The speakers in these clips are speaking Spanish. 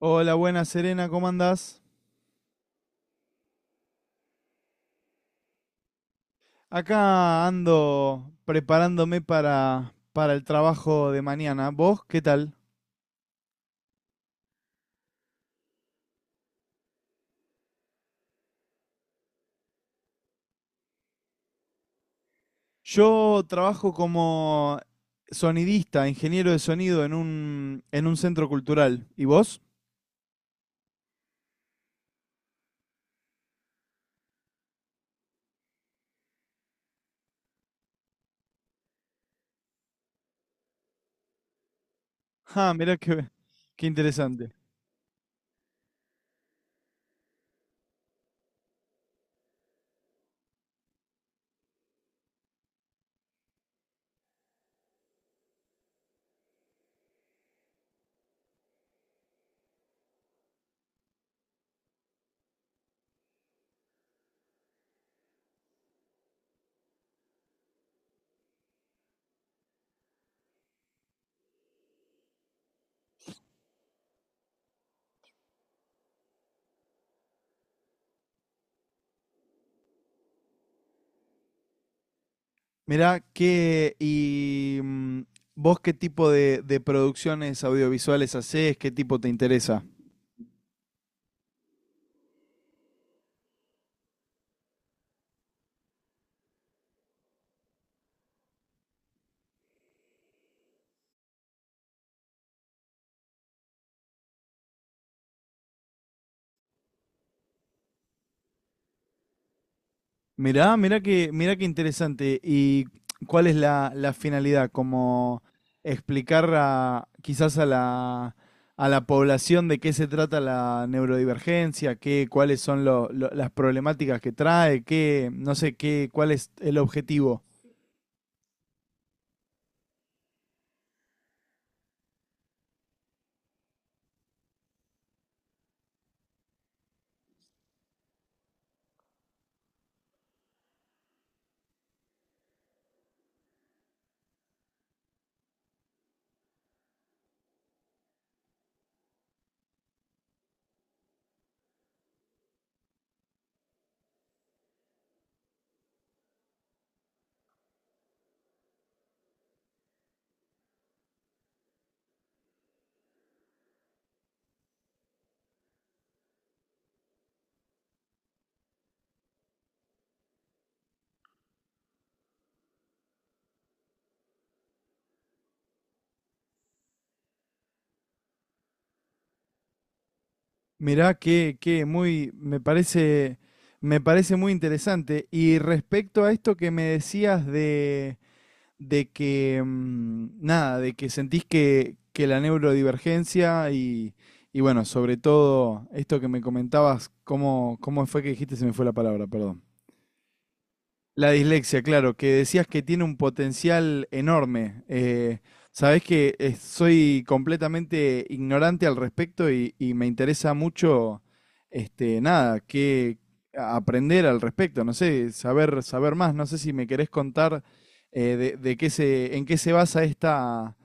Hola, buenas Serena, ¿cómo andás? Acá ando preparándome para el trabajo de mañana. ¿Vos qué tal? Yo trabajo como sonidista, ingeniero de sonido en un centro cultural. ¿Y vos? Ah, mirá qué interesante. Mirá qué... ¿Y vos qué tipo de producciones audiovisuales hacés? ¿Qué tipo te interesa? Mirá qué interesante. ¿Y cuál es la finalidad? Como explicar a, quizás a la población de qué se trata la neurodivergencia, qué, cuáles son las problemáticas que trae, qué, no sé, qué, cuál es el objetivo. Mirá que muy, me parece muy interesante. Y respecto a esto que me decías de que nada, de que sentís que la neurodivergencia y bueno, sobre todo esto que me comentabas, cómo fue que dijiste, se me fue la palabra, perdón. La dislexia, claro, que decías que tiene un potencial enorme. Sabés que soy completamente ignorante al respecto y me interesa mucho, este, nada, que aprender al respecto, no sé, saber más. No sé si me querés contar de qué se, en qué se basa esta,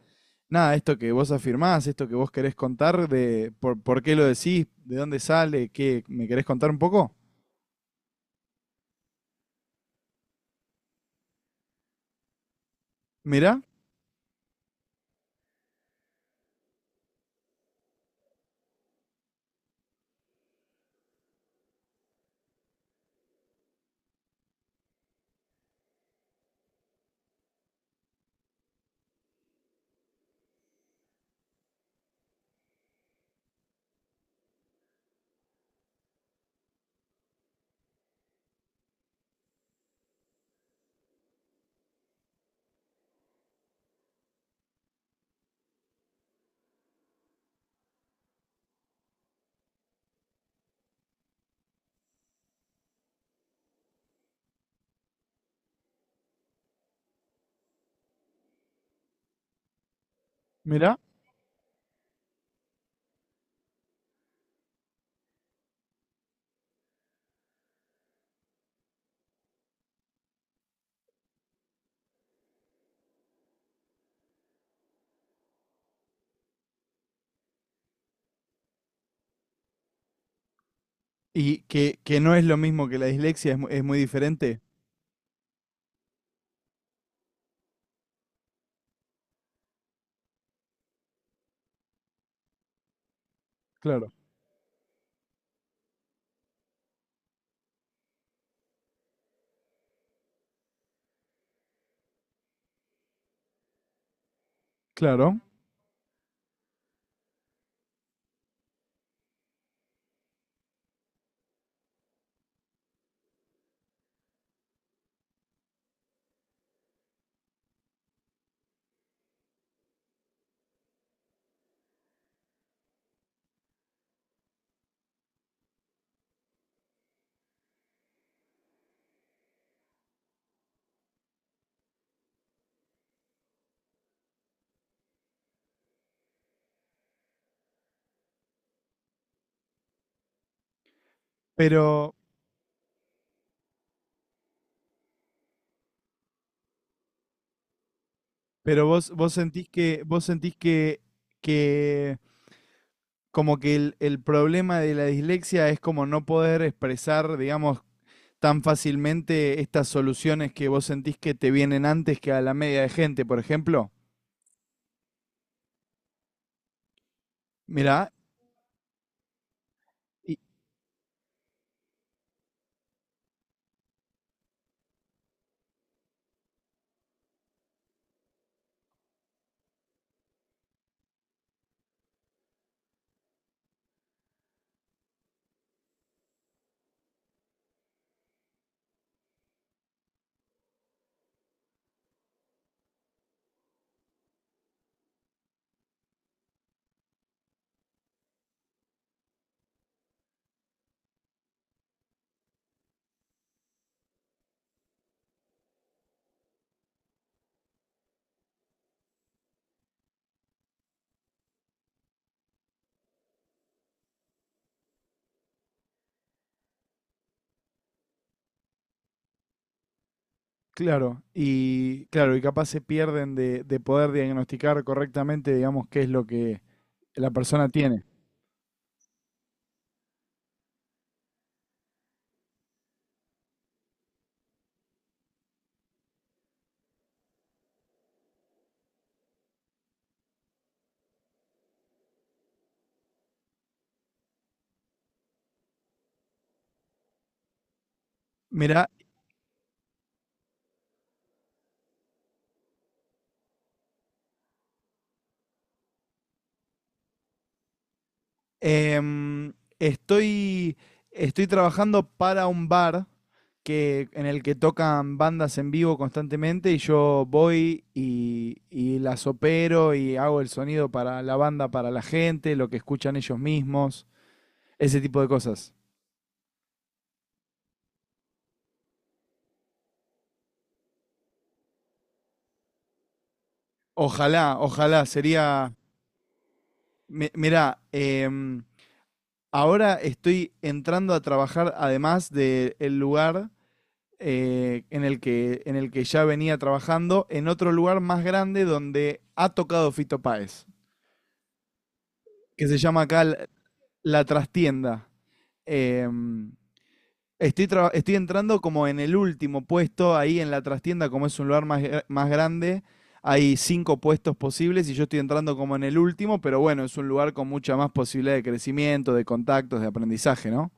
nada, esto que vos afirmás, esto que vos querés contar, por qué lo decís, de dónde sale, qué, ¿me querés contar un poco? Mirá, mirá. Y que no es lo mismo que la dislexia, es, es muy diferente. Claro. Claro. Pero, pero vos, vos sentís que como que el problema de la dislexia es como no poder expresar, digamos, tan fácilmente estas soluciones que vos sentís que te vienen antes que a la media de gente, por ejemplo. Mirá, y claro, y claro, y capaz se pierden de poder diagnosticar correctamente, digamos, qué es lo que la persona tiene. Mirá. Em, estoy, Estoy trabajando para un bar que, en el que tocan bandas en vivo constantemente y yo voy y las opero y hago el sonido para la banda, para la gente, lo que escuchan ellos mismos, ese tipo de cosas. Ojalá, ojalá, sería... Mirá, ahora estoy entrando a trabajar además del lugar en el que ya venía trabajando en otro lugar más grande donde ha tocado Fito Páez, que se llama acá La Trastienda. Eh, estoy, Estoy entrando como en el último puesto ahí en La Trastienda, como es un lugar más grande. Hay cinco puestos posibles y yo estoy entrando como en el último, pero bueno, es un lugar con mucha más posibilidad de crecimiento, de contactos, de aprendizaje, ¿no?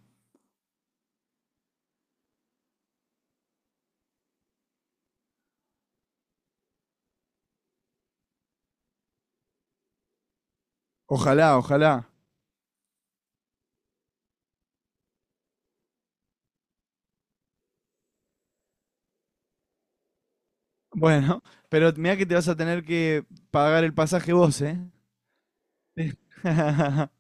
Ojalá, ojalá. Bueno, pero mira que te vas a tener que pagar el pasaje vos, ¿eh? Sí.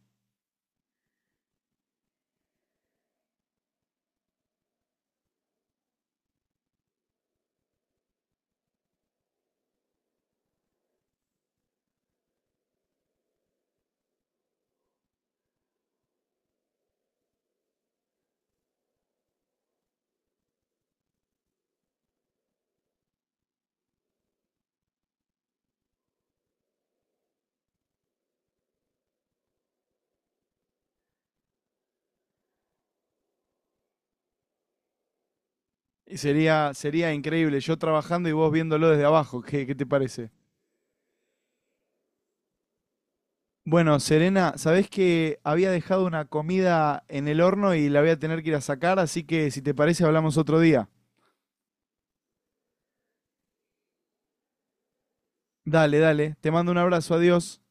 Sería, sería increíble, yo trabajando y vos viéndolo desde abajo, ¿qué, qué te parece? Bueno, Serena, sabés que había dejado una comida en el horno y la voy a tener que ir a sacar, así que si te parece hablamos otro día. Dale, dale, te mando un abrazo, adiós.